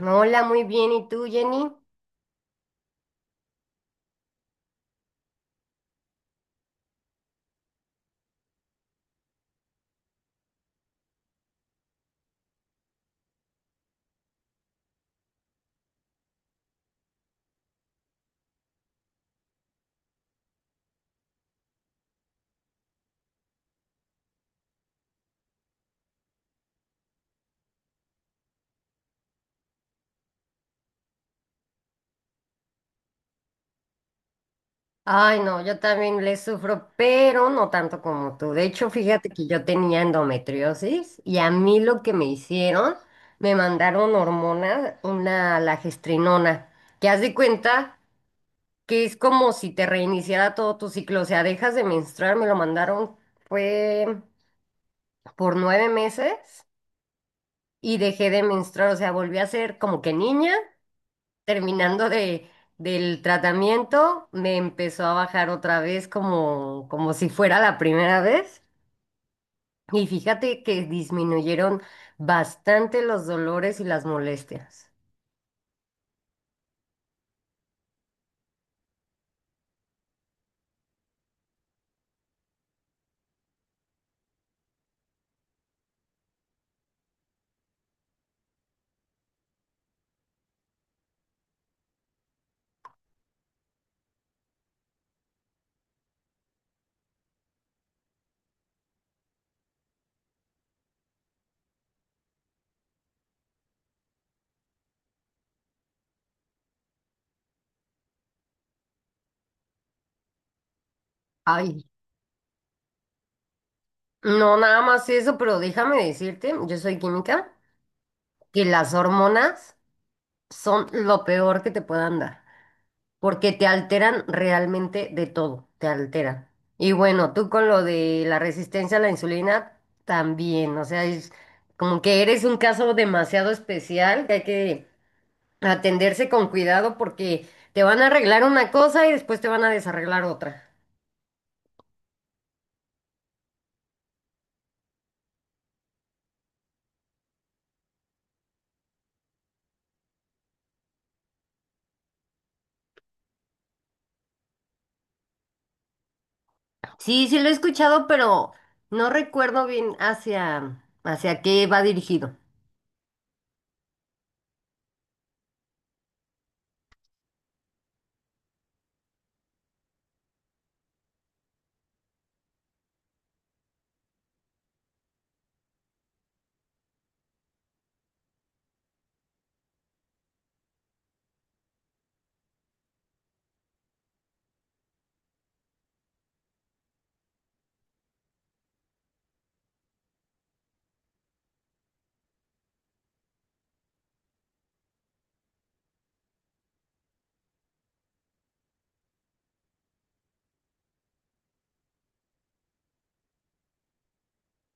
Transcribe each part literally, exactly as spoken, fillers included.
Hola, muy bien. ¿Y tú, Jenny? Ay, no, yo también le sufro, pero no tanto como tú. De hecho, fíjate que yo tenía endometriosis y a mí lo que me hicieron, me mandaron hormona, una lagestrinona, que haz de cuenta que es como si te reiniciara todo tu ciclo. O sea, dejas de menstruar, me lo mandaron, fue por nueve meses y dejé de menstruar. O sea, volví a ser como que niña terminando de, del tratamiento, me empezó a bajar otra vez como, como si fuera la primera vez. Y fíjate que disminuyeron bastante los dolores y las molestias. Ay, no, nada más eso, pero déjame decirte, yo soy química, que las hormonas son lo peor que te puedan dar. Porque te alteran realmente de todo, te alteran. Y bueno, tú con lo de la resistencia a la insulina también, o sea, es como que eres un caso demasiado especial que hay que atenderse con cuidado porque te van a arreglar una cosa y después te van a desarreglar otra. Sí, sí lo he escuchado, pero no recuerdo bien hacia hacia qué va dirigido.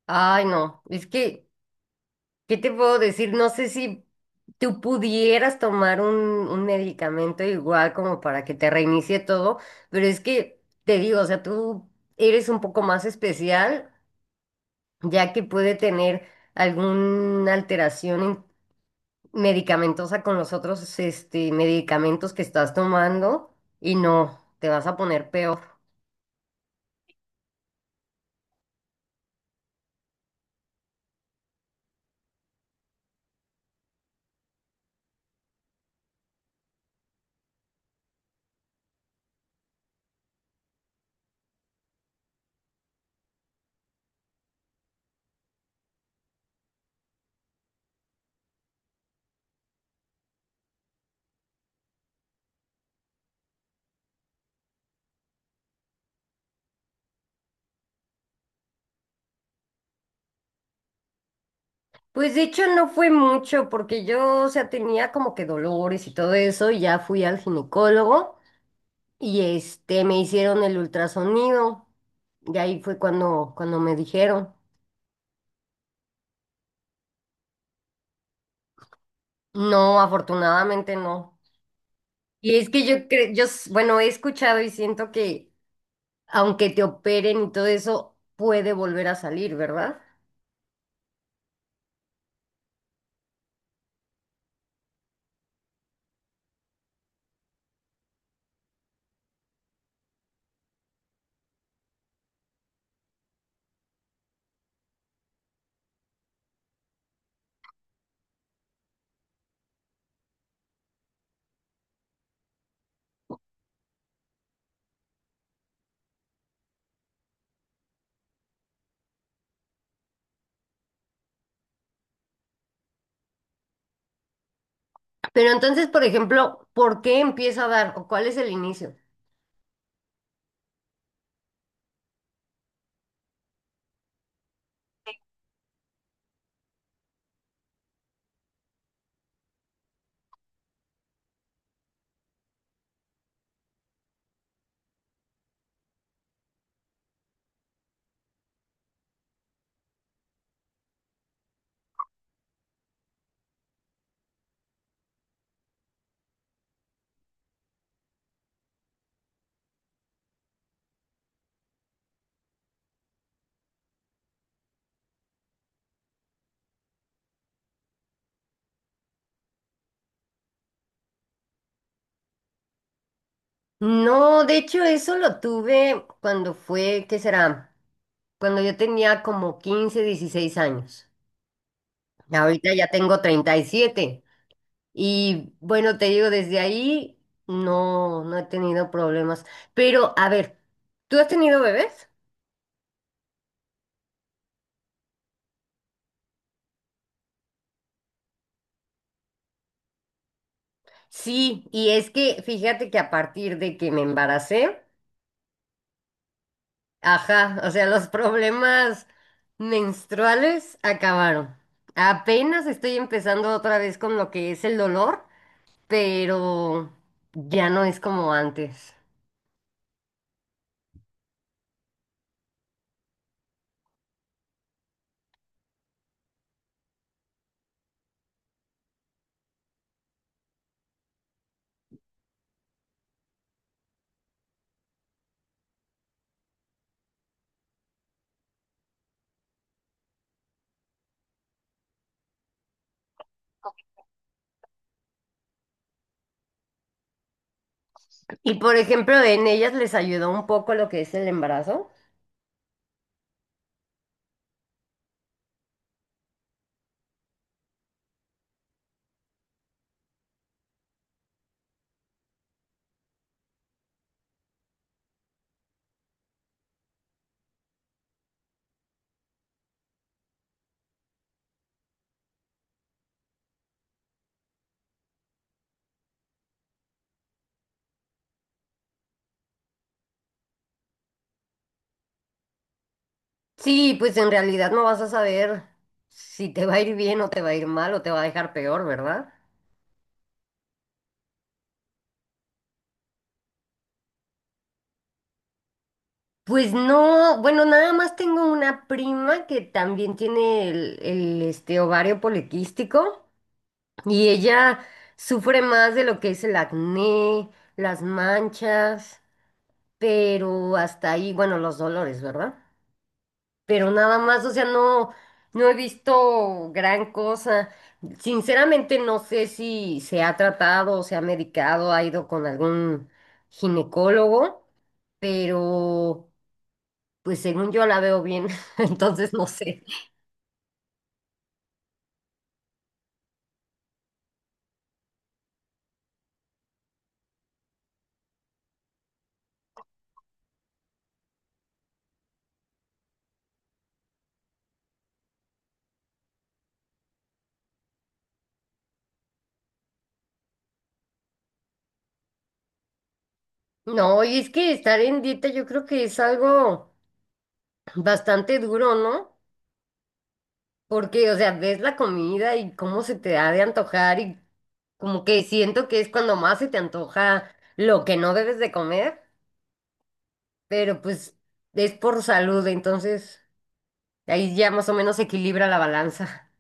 Ay, no, es que ¿qué te puedo decir? No sé si tú pudieras tomar un, un medicamento igual como para que te reinicie todo, pero es que te digo, o sea, tú eres un poco más especial, ya que puede tener alguna alteración en- medicamentosa con los otros este, medicamentos que estás tomando y no, te vas a poner peor. Pues de hecho no fue mucho porque yo, o sea, tenía como que dolores y todo eso y ya fui al ginecólogo. Y este, me hicieron el ultrasonido. Y ahí fue cuando, cuando me dijeron. No, afortunadamente no. Y es que yo cre- yo, s- bueno, he escuchado y siento que aunque te operen y todo eso, puede volver a salir, ¿verdad? Pero entonces, por ejemplo, ¿por qué empieza a dar o cuál es el inicio? No, de hecho, eso lo tuve cuando fue, ¿qué será? Cuando yo tenía como quince dieciséis años. Ahorita ya tengo treinta y siete. Y bueno, te digo, desde ahí no, no he tenido problemas. Pero, a ver, ¿tú has tenido bebés? Sí, y es que fíjate que a partir de que me embaracé, ajá, o sea, los problemas menstruales acabaron. Apenas estoy empezando otra vez con lo que es el dolor, pero ya no es como antes. Y por ejemplo, en ellas les ayudó un poco lo que es el embarazo. Sí, pues en realidad no vas a saber si te va a ir bien o te va a ir mal o te va a dejar peor, ¿verdad? Pues no, bueno, nada más tengo una prima que también tiene el, el, este, ovario poliquístico y ella sufre más de lo que es el acné, las manchas, pero hasta ahí, bueno, los dolores, ¿verdad? Pero nada más, o sea, no, no he visto gran cosa. Sinceramente no sé si se ha tratado o se ha medicado, ha ido con algún ginecólogo, pero pues según yo la veo bien, entonces no sé. No, y es que estar en dieta yo creo que es algo bastante duro, ¿no? Porque, o sea, ves la comida y cómo se te ha de antojar y como que siento que es cuando más se te antoja lo que no debes de comer. Pero pues es por salud, entonces ahí ya más o menos se equilibra la balanza.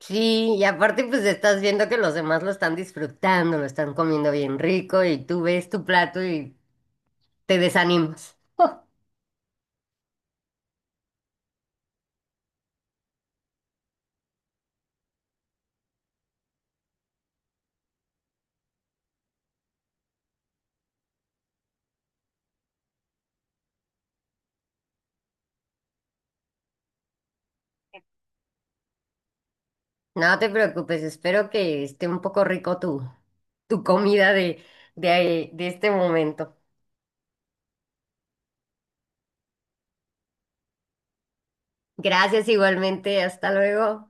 Sí, y aparte pues estás viendo que los demás lo están disfrutando, lo están comiendo bien rico y tú ves tu plato y te desanimas. No te preocupes, espero que esté un poco rico tu, tu comida de, de, de este momento. Gracias igualmente, hasta luego.